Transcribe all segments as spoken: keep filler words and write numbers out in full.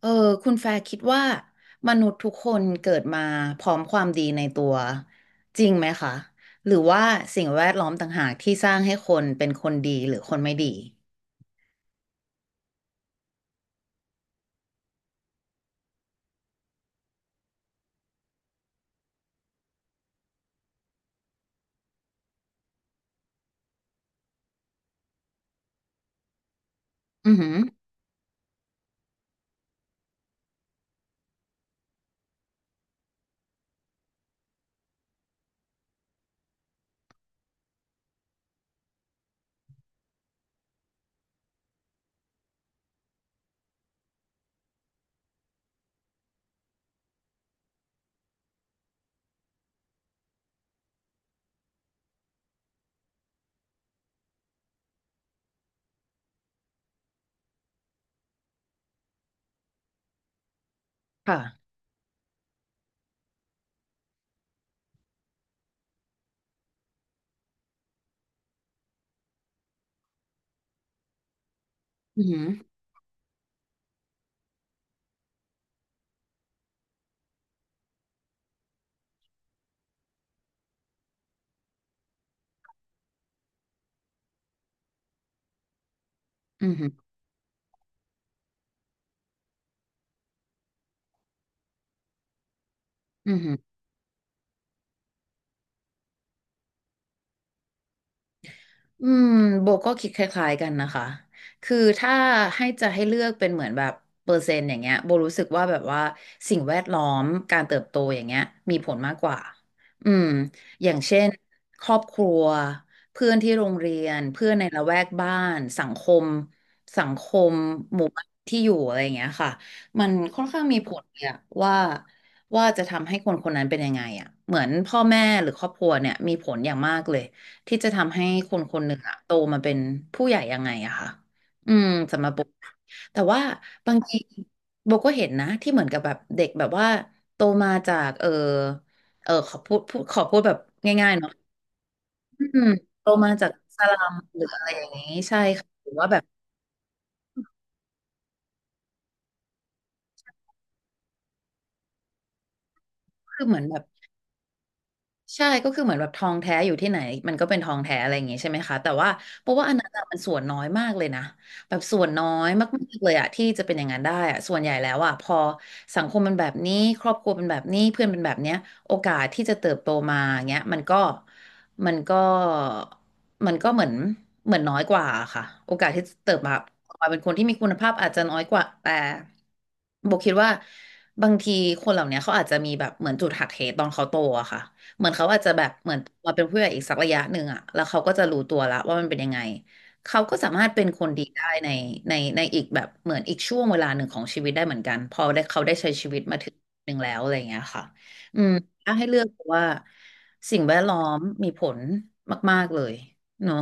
เออคุณแฟร์คิดว่ามนุษย์ทุกคนเกิดมาพร้อมความดีในตัวจริงไหมคะหรือว่าสิ่งแวดล้อมต่างหากที่สร้างให้คนเป็นคนดีหรือคนไม่ดีอือหือค่ะอือหืออือหืออือหือ อืมโบก็คิดคล้ายๆกันนะคะ คือถ้าให้จะให้เลือกเป็นเหมือนแบบเปอร์เซ็นต์อย่างเงี้ยโบรู้สึกว่าแบบว่าสิ่งแวดล้อมการเติบโตอย่างเงี้ยมีผลมากกว่าอืมอย่างเช่นครอบครัวเพื่อนที่โรงเรียนเพื่อนในละแวกบ้านสังคมสังคมหมู่บ้านที่อยู่อะไรอย่างเงี้ยค่ะมันค่อนข้างมีผลเนี่ยว่าว่าจะทำให้คนคนนั้นเป็นยังไงอ่ะเหมือนพ่อแม่หรือครอบครัวเนี่ยมีผลอย่างมากเลย ที่จะทำให้คนคนหนึ่งอะโตมาเป็นผู้ใหญ่ยังไงอะค่ะอืมสำหรับโบแต่ว่าบางทีโบก็เห็นนะที่เหมือนกับแบบเด็กแบบว่าโตมาจากเออเออขอพูดพูดขอพูดแบบง่ายๆเนาะอืมโตมาจากสลัมหรืออะไรอย่างนี้ใช่ค่ะ หรือว่าแบบคือเหมือนแบบ ใช่ก็คือเหมือนแบบทองแท้อยู่ที่ไหนมันก็เป็นทองแท้อะไรอย่างงี้ใช่ไหมคะแต่ว่าเพราะว่าอันนั้นอะมันส่วนน้อยมากเลยนะแบบส่วนน้อยมากๆเลยอะที่จะเป็นอย่างนั้นได้อะส่วนใหญ่แล้วอะพอสังคมมันแบบนี้ครอบครัวเป็นแบบนี้เพื่อนเป็นแบบเนี้ยโอกาสที่จะเติบโตมาอย่างเงี้ยมันก็มันก็มันก็เหมือนเหมือนน้อยกว่าค่ะโอกาสที่จะเติบมามาเป็นคนที่มีคุณภาพอาจจะน้อยกว่าแต่โบคิดว่าบางทีคนเหล่านี้เขาอาจจะมีแบบเหมือนจุดหักเหตอนเขาโตอะค่ะ เหมือนเขาอาจจะแบบเหมือนมาเป็นผู้ใหญ่อีกสักระยะหนึ่งอะแล้วเขาก็จะรู้ตัวละว่ามันเป็นยังไงเขาก็สามารถเป็นคนดีได้ในในในอีกแบบเหมือนอีกช่วงเวลาหนึ่งของชีวิตได้เหมือนกันพอได้เขาได้ใช้ชีวิตมาถึงหนึ่งแล้วอะไรอย่างเงี้ยค่ะอืมถ้าให้เลือกว่าสิ่งแวดล้อมมีผลมากๆเลยเนอะ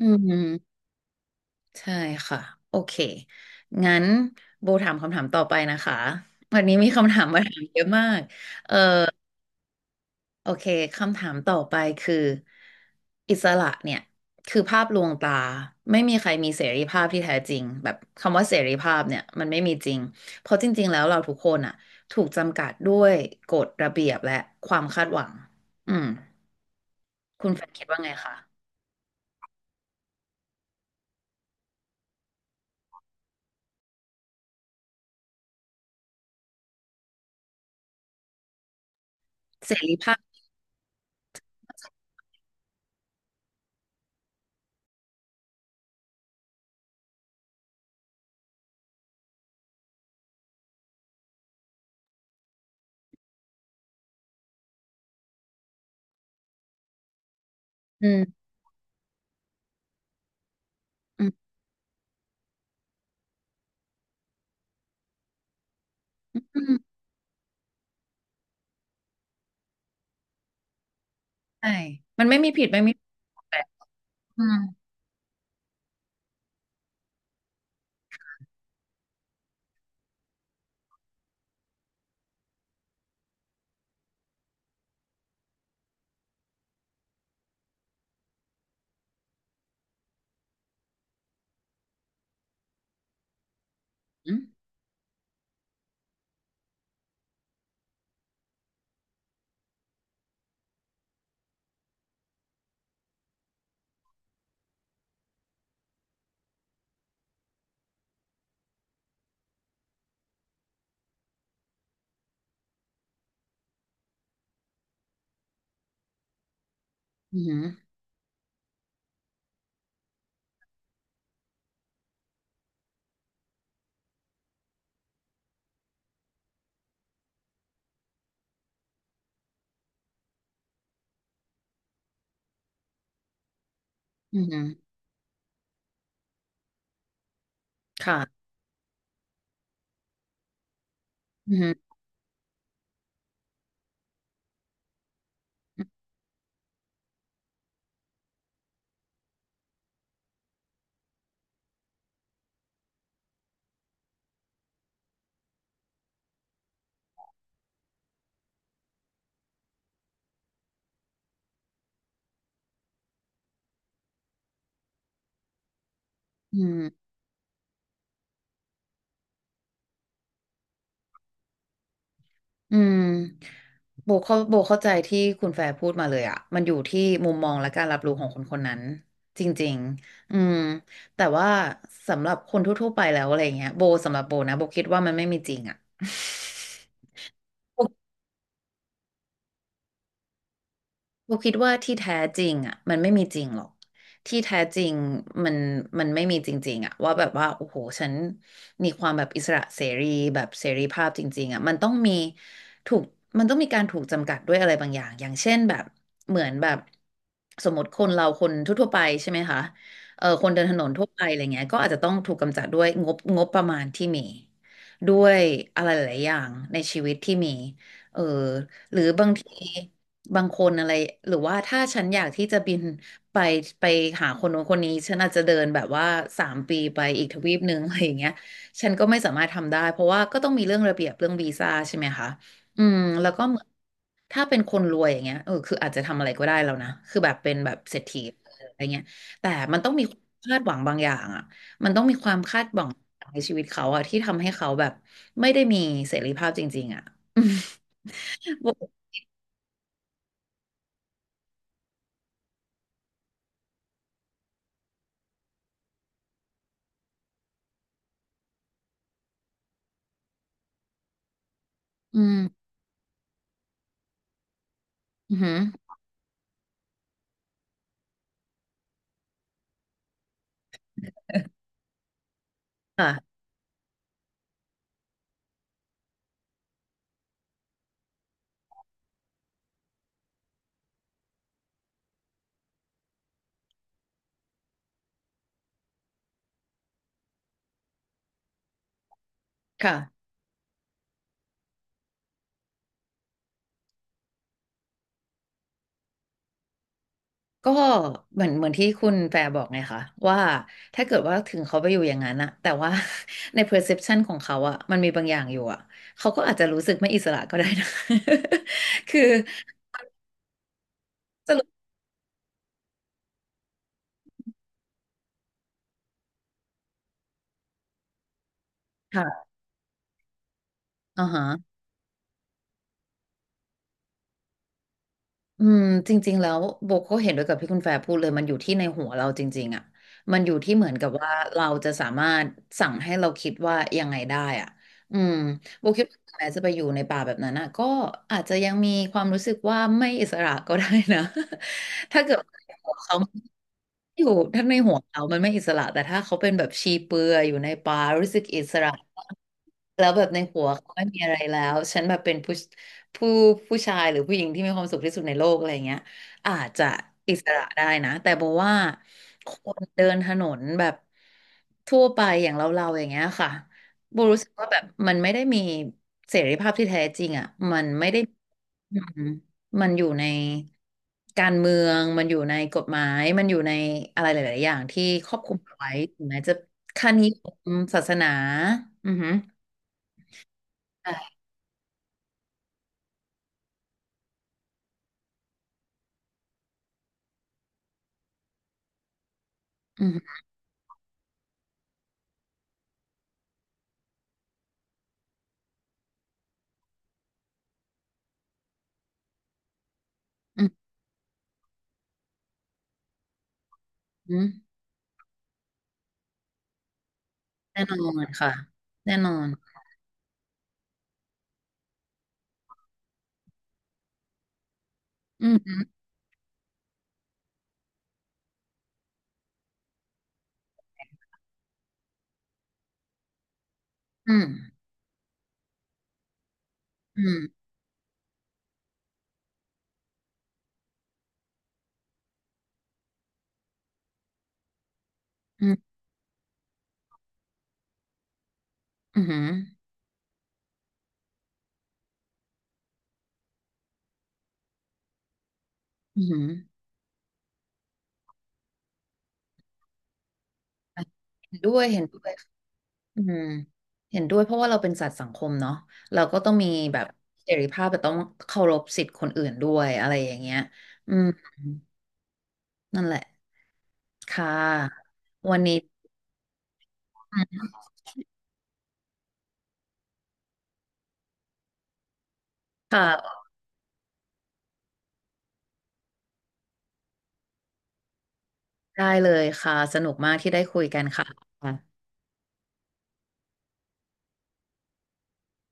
อืมใช่ค่ะโอเคงั้นโบถามคำถามต่อไปนะคะวันนี้มีคำถามมาถามเยอะมาก โอเคคำถามต่อไปคืออิสระเนี่ยคือภาพลวงตาไม่มีใครมีเสรีภาพที่แท้จริงแบบคำว่าเสรีภาพเนี่ยมันไม่มีจริงเพราะจริงๆแล้วเราทุกคนอ่ะถูกจำกัดด้วยกฎระเบียบและความคาดหวังอืมคุณแฟนคิดว่าไงคะเสรีภาพอืมอืมอืมใช่มันไม่มีผิดไม่มีถูกแบบอืมอืมอืมอืมค่ะอืมอืม อืมโบเข้าโบเข้าใจที่คุณแฟร์พูดมาเลยอะมันอยู่ที่มุมมองและการรับรู้ของคนคนนั้นจริงๆอืมแต่ว่าสำหรับคนทั่วๆไปแล้วอะไรเงี้ยโบสำหรับโบนะโบคิดว่ามันไม่มีจริงอะ โบคิดว่าที่แท้จริงอ่ะมันไม่มีจริงหรอกที่แท้จริงมันมันไม่มีจริงๆอ่ะว่าแบบว่าโอ้โหฉันมีความแบบอิสระเสรีแบบเสรีภาพจริงๆอ่ะมันต้องมีถูกมันต้องมีการถูกจำกัดด้วยอะไรบางอย่างอย่างเช่นแบบเหมือนแบบสมมติคนเราคนทั่วๆไปใช่ไหมคะเออคนเดินถนนทั่วไปอะไรเงี้ยก็อาจจะต้องถูกกำจัดด้วยงบงบประมาณที่มีด้วยอะไรหลายๆอย่างในชีวิตที่มีเออหรือบางที บางคนอะไรหรือว่าถ้าฉันอยากที่จะบินไปไปหาคนโน้นคนนี้ฉันอาจจะเดินแบบว่าสามปีไปอีกทวีปหนึ่งอะไรอย่างเงี้ยฉันก็ไม่สามารถทำได้เพราะว่าก็ต้องมีเรื่องระเบียบเรื่องวีซ่าใช่ไหมคะอืมแล้วก็เหมือนถ้าเป็นคนรวยอย่างเงี้ยเออคืออาจจะทำอะไรก็ได้แล้วนะคือแบบเป็นแบบเศรษฐีอะไรเงี้ยแต่มันต้องมีความคาดหวังบางอย่างอ่ะมันต้องมีความคาดหวังในชีวิตเขาอ่ะที่ทำให้เขาแบบไม่ได้มีเสรีภาพจริงๆอ่ะ อืมอืมอือหือค่ะ ค่ะก็เหมือนเหมือนที่คุณแฟร์บอกไงคะว่าถ้าเกิดว่าถึงเขาไปอยู่อย่างนั้นอะแต่ว่า ใน perception ของเขาอะมันมีบางอย่างอยู่อะเขาก็อาจจะรู้สึกไม่อิสระก็ได้นะ คือจะรู้ค่ะอ่าฮะ อืมจริงๆแล้วโบก็เห็นด้วยกับที่คุณแฟร์พูดเลยมันอยู่ที่ในหัวเราจริงๆอ่ะมันอยู่ที่เหมือนกับว่าเราจะสามารถสั่งให้เราคิดว่ายังไงได้อ่ะอืมโบคิดว่าแม้จะไปอยู่ในป่าแบบนั้นอ่ะก็อาจจะยังมีความรู้สึกว่าไม่อิสระก็ได้นะ ถ้าเกิดว่าเขาอยู่ทั้งในหัวเขามันไม่อิสระแต่ถ้าเขาเป็นแบบชีเปลือยอยู่ในป่ารู้สึกอิสระแล้วแบบในหัวเขาไม่มีอะไรแล้วฉันแบบเป็นผู้ ผู้ผู้ชายหรือผู้หญิงที่มีความสุขที่สุดในโลกอะไรอย่างเงี้ยอาจจะอิสระได้นะแต่โบว่าคนเดินถนนแบบทั่วไปอย่างเราเราอย่างเงี้ยค่ะโบรู้สึกว่าแบบมันไม่ได้มีเสรีภาพที่แท้จริงอ่ะมันไม่ได้อืมมันอยู่ในการเมืองมันอยู่ในกฎหมายมันอยู่ในอะไรหลายๆอย่างที่ครอบคลุมเอาไว้ถึงแม้จะค่านิยมศาสนาอือหือใช่อือหอือฮึ แน่นอนค่ะแน่นอนอืมอืมอืมอืมอืมอืมอืมเห็นด้วยเห็นด้วยอืมเห็นด้วยเพราะว่าเราเป็นสัตว์สังคมเนาะเราก็ต้องมีแบบเสรีภาพแต่ต้องเคารพสิทธิ์คนอื่นด้วยอะไรอย่างเงี้ยอืมนั่นแหละค่ะวันนี้ค่ะได้เลยค่ะสนุกมากที่ได้คุยกันค่ะ